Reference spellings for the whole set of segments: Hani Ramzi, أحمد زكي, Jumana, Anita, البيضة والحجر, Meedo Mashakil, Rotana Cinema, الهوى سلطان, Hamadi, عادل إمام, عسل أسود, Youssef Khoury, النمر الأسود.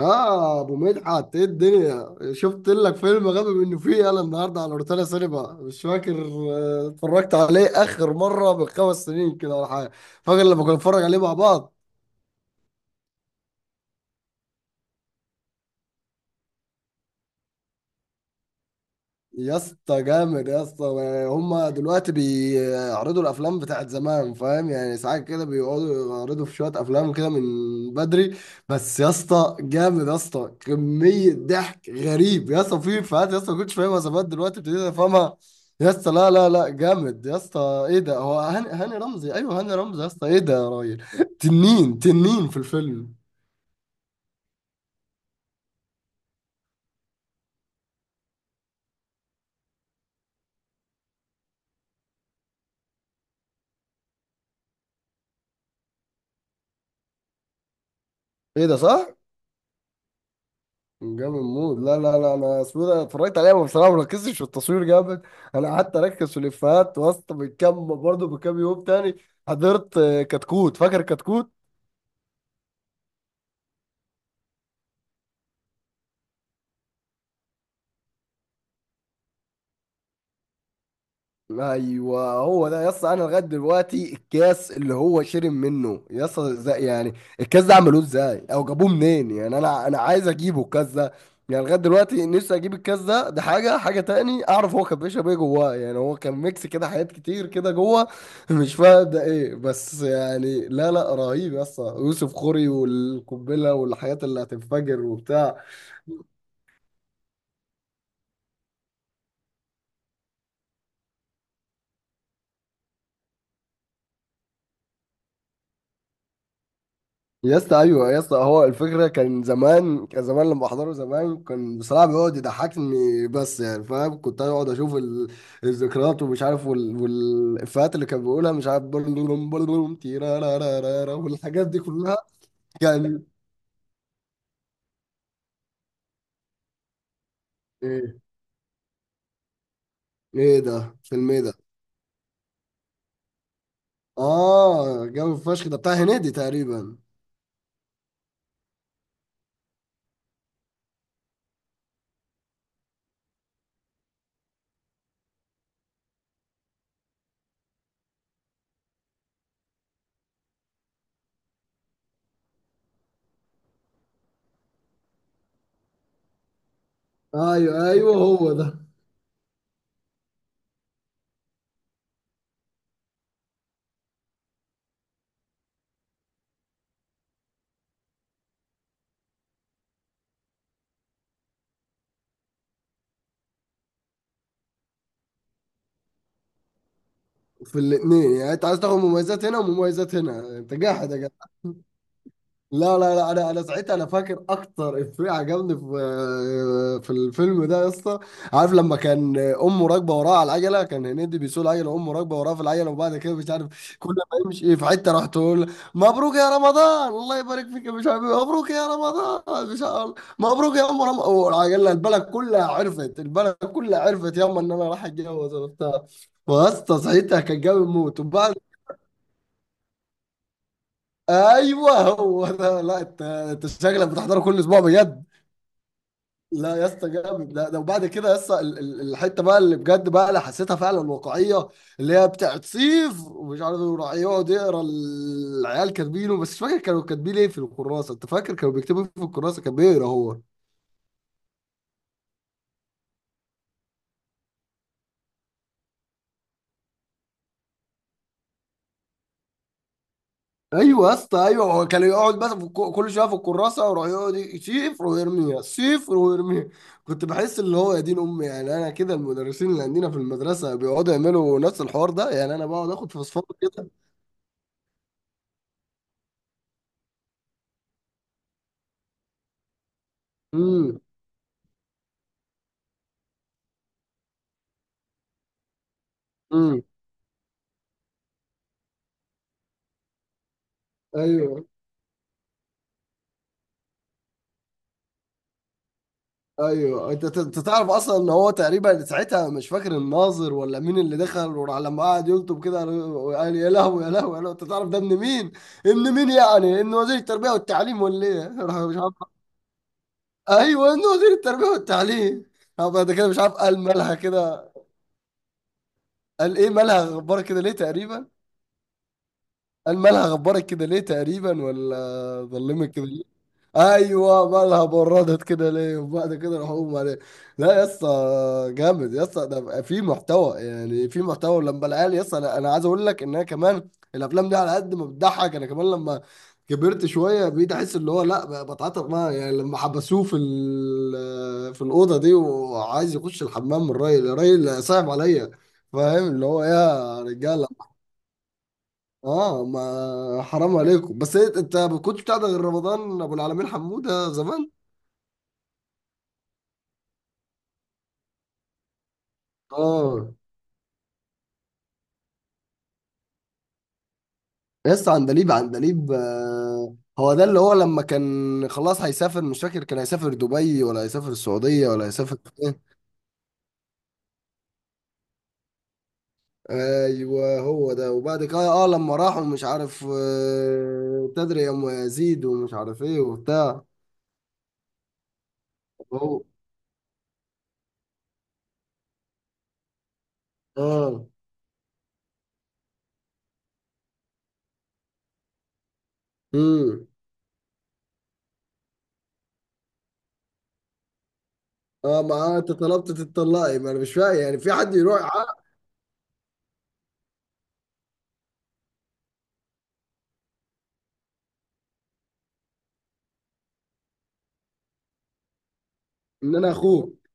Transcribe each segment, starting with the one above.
اه، ابو مدحت، ايه الدنيا؟ شفت لك فيلم غبي منه فيه انا النهارده على روتانا سينما. مش فاكر، اتفرجت عليه اخر مره من 5 سنين كده ولا حاجه. فاكر لما كنا نتفرج عليه مع بعض؟ يا اسطى، جامد يا اسطى! هما دلوقتي بيعرضوا الافلام بتاعت زمان، فاهم يعني؟ ساعات كده بيقعدوا يعرضوا في شويه افلام كده من بدري. بس يا اسطى، جامد يا اسطى، كميه ضحك غريب، يا اسطى في افيهات يا اسطى ما كنتش فاهمها زمان، دلوقتي ابتديت افهمها. يا اسطى، لا لا لا جامد يا اسطى! ايه ده، هو هاني رمزي؟ ايوه، هاني رمزي يا اسطى! ايه ده يا راجل! تنين تنين في الفيلم! ايه ده، صح؟ جامد موت! لا لا لا، انا اسمه إيه ده، اتفرجت عليها، بس بصراحه ما ركزتش في التصوير جامد. انا قعدت اركز في الافيهات وسط. من كام برضه، من كام يوم تاني حضرت، كتكوت. فاكر كتكوت؟ ايوه هو ده يا اسطى. انا لغايه دلوقتي، الكاس اللي هو شرب منه يا اسطى، ازاي يعني؟ الكاس ده عملوه ازاي او جابوه منين يعني؟ انا عايز اجيبه الكاس ده. يعني لغايه دلوقتي نفسي اجيب الكاس ده. ده حاجه. حاجه تاني اعرف، هو كان بيشرب ايه جواه يعني؟ هو كان ميكس كده حاجات كتير كده جوه. مش فاهم ده ايه بس يعني. لا لا، رهيب يا اسطى! يوسف خوري والقنبله والحاجات اللي هتنفجر وبتاع. يا اسطى، ايوه يا اسطى، هو الفكره كان زمان لما احضره زمان، كان بصراحه بيقعد يضحكني بس يعني فاهم. كنت اقعد اشوف الذكريات ومش عارف، والافيهات اللي كان بيقولها، مش عارف، بلوم بلوم تيرارارارارا والحاجات دي كلها. كان ايه؟ ايه ده، فيلم ايه ده؟ اه، جو فشخ، ده بتاع هنيدي تقريبا. ايوه ايوه، هو ده. في الاثنين يعني؟ انت عايز تاخد مميزات هنا ومميزات هنا؟ انت جاحد يا. لا لا لا، انا ساعتها انا فاكر اكتر افيه عجبني في الفيلم ده يا اسطى. عارف لما كان امه راكبه وراه على العجله، كان هنيدي بيسوق العجله وامه راكبه وراه في العجله، وبعد كده مش عارف، كل ما يمشي في حته راح تقول: مبروك يا رمضان، الله يبارك فيك، يا مش عارف مبروك يا رمضان. مش عارف، مبروك يا ام رمضان والعجله. البلد كلها عرفت، البلد كلها عرفت ياما ان انا راح اتجوز وبتاع. واسطى، ساعتها كان جامد موت. وبعد، ايوه هو ده. لا، انت شكلك بتحضره كل اسبوع بجد. لا يا اسطى، جامد! ده ده وبعد كده يا اسطى الحته بقى اللي بجد، بقى اللي حسيتها فعلا واقعيه، اللي هي بتاعت صيف ومش عارف وراح يقعد يقرا العيال كاتبينه، بس مش فاكر كانوا كاتبين ايه في الكراسه. انت فاكر كانوا بيكتبوا إيه في الكراسه كان بيقرا هو؟ ايوه يا اسطى، ايوه. هو كان يقعد بس في كل شويه في الكراسه، ويروح يقعد صفر ويرميها، صفر ويرميها. كنت بحس اللي هو يا دين امي، يعني انا كده المدرسين اللي عندنا في المدرسه بيقعدوا يعملوا نفس الحوار ده. يعني انا بقعد اخد فوسفور كده. امم. امم. ايوه ايوه، انت تعرف اصلا ان هو تقريبا ساعتها، مش فاكر الناظر ولا مين اللي دخل، وراح لما قعد يلطب كده، قال: يا لهوي يا لهوي يا لهوي، انت تعرف ده ابن مين؟ ابن مين يعني؟ ابن وزير التربيه والتعليم ولا ايه؟ راح مش عارف. ايوه، انه وزير التربيه والتعليم. هبقى ده كده مش عارف، قال: مالها كده؟ قال ايه، مالها غبارك كده ليه، تقريبا؟ قال: مالها غبارك كده ليه، تقريبا، ولا ظلمك كده؟ ايوه، مالها بردت كده ليه؟ وبعد كده راح اقوم عليه. لا يا اسطى، جامد يا اسطى! ده بقى في محتوى، يعني في محتوى. ولما العيال يا اسطى، أنا عايز اقول لك ان انا كمان الافلام دي، على قد ما بتضحك، انا كمان لما كبرت شويه بقيت احس اللي هو، لا بقى، بتعاطف معاه. يعني لما حبسوه في الاوضه دي وعايز يخش الحمام، الراجل، الراجل صعب عليا. فاهم اللي هو، يا رجاله! اه، ما حرام عليكم! بس انت ما كنتش بتاع ده غير رمضان ابو العالمين حموده زمان. اه. يس عندليب، عندليب، هو ده، اللي هو لما كان خلاص هيسافر، مش فاكر كان هيسافر دبي ولا هيسافر السعودية ولا هيسافر ايه. ايوه هو ده، وبعد كده اه لما راحوا، مش عارف، تدري يا ام يزيد، ومش عارف ايه وبتاع. هو. اه. امم. اه، ما انت طلبت تتطلقي، ما انا مش فاهم يعني في حد يروح يعاق؟ ان انا اخوك.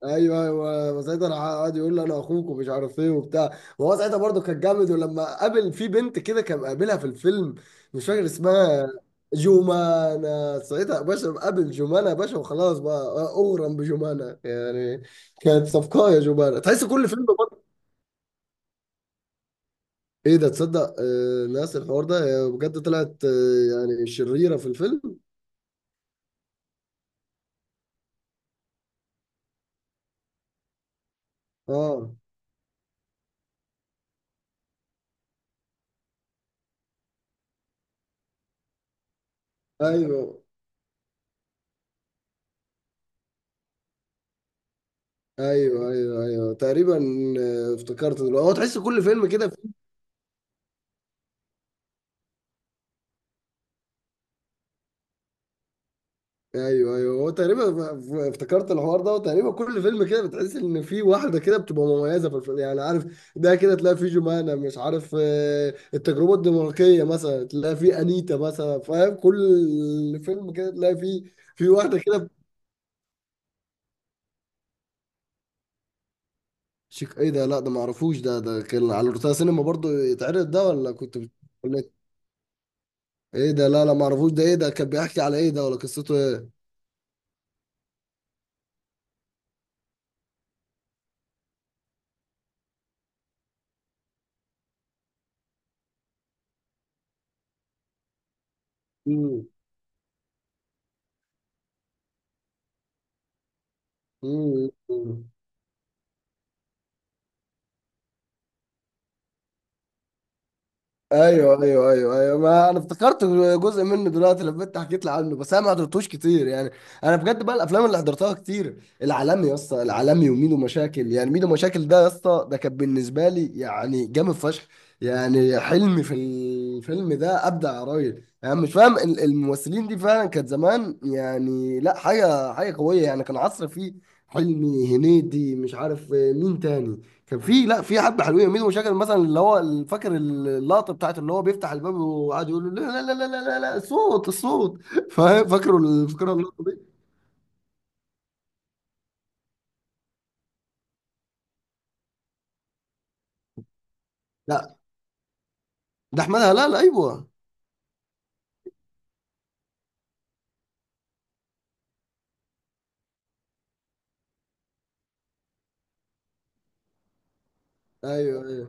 ايوه ايوه، وساعتها راح قعد يقول له انا اخوك ومش عارف ايه وبتاع، وهو ساعتها برضه كان جامد. ولما قابل في بنت كده، كان قابلها في الفيلم، مش فاكر اسمها. جومانا، ساعتها يا باشا قابل جومانا يا باشا وخلاص بقى، اغرم بجومانا يعني. كانت صفقه يا جومانا، تحس كل فيلم برضه. ايه ده، تصدق ناس الحوار ده؟ هي بجد طلعت، يعني شريره في الفيلم. اه. ايوه ايوه ايوه ايوه تقريبا. آه، افتكرت دلوقتي، هو تحس كل فيلم كده. ايوه ايوه، هو تقريبا، افتكرت الحوار ده. وتقريبا كل فيلم كده بتحس ان في واحده كده بتبقى مميزه في الفيلم، يعني عارف. ده كده تلاقي فيه جمانة، مش عارف، التجربه الدنماركيه مثلا تلاقي فيه انيتا مثلا، فاهم؟ كل فيلم كده تلاقي فيه في واحده كده. ايه ده؟ لا، ده ما اعرفوش ده. ده كان على روتانا سينما برضو يتعرض ده، ولا كنت ولا ايه ده؟ لا لا، ما اعرفوش ده. ايه ده، كان بيحكي على ايه ده؟ ولا قصته ايه؟ امم. ايوه ايوه ايوه ايوه، ما انا افتكرت جزء منه دلوقتي لما انت حكيت لي عنه، بس انا ما حضرتوش كتير يعني. انا بجد بقى، الافلام اللي حضرتها كتير: العالمي يا اسطى، العالمي وميدو مشاكل! يعني ميدو مشاكل ده يا اسطى، ده كان بالنسبه لي يعني جامد فشخ! يعني حلمي في الفيلم ده ابدع يا راجل! يعني مش فاهم، الممثلين دي فعلا كانت زمان، يعني لا حاجه، حاجه قويه يعني. كان عصر فيه حلمي، هنيدي، مش عارف مين تاني. كان في، لا، في حبه حلوين. مين مشاكل مثلا، اللي هو فاكر اللقطه بتاعت اللي هو بيفتح الباب وقعد يقول له: لا لا لا لا لا لا، الصوت الصوت! فاهم؟ فاكره فاكره اللقطه دي. لا، ده احمدها، لا لا، ايوه. ايوه،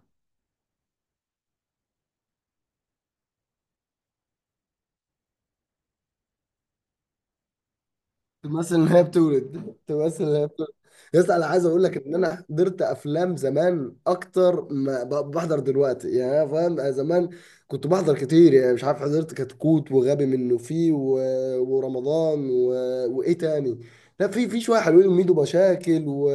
تمثل ان هي بتولد، تمثل ان هي بتولد. يس، انا عايز اقول لك ان انا حضرت افلام زمان اكتر ما بحضر دلوقتي يعني. انا فاهم، أنا زمان كنت بحضر كتير. يعني مش عارف، حضرت كتكوت، وغبي منه فيه، و... ورمضان، و... وايه تاني؟ لا، في شويه حلوين، وميدو مشاكل، و...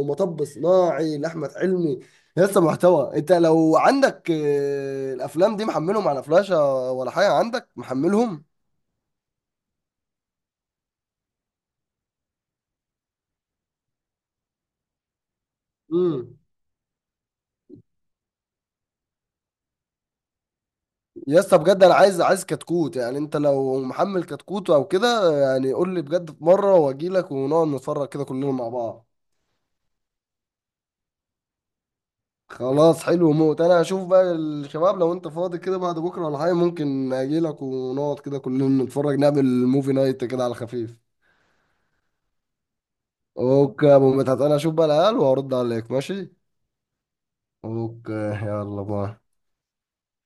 ومطب صناعي لاحمد حلمي. لسه محتوى! انت لو عندك، الافلام دي محملهم على فلاشه ولا حاجه، عندك محملهم؟ امم. يا اسطى بجد، انا عايز، كتكوت. يعني انت لو محمل كتكوت او كده، يعني قول لي بجد في مره، واجي لك ونقعد نتفرج كده كلنا مع بعض. خلاص، حلو موت! انا هشوف بقى الشباب، لو انت فاضي كده بعد بكره ولا حاجه، ممكن اجي لك ونقعد كده كلنا نتفرج، نعمل موفي نايت كده على خفيف. اوكي يا ابو مدحت، انا هشوف بقى العيال وهرد عليك، ماشي. اوكي، يلا باي.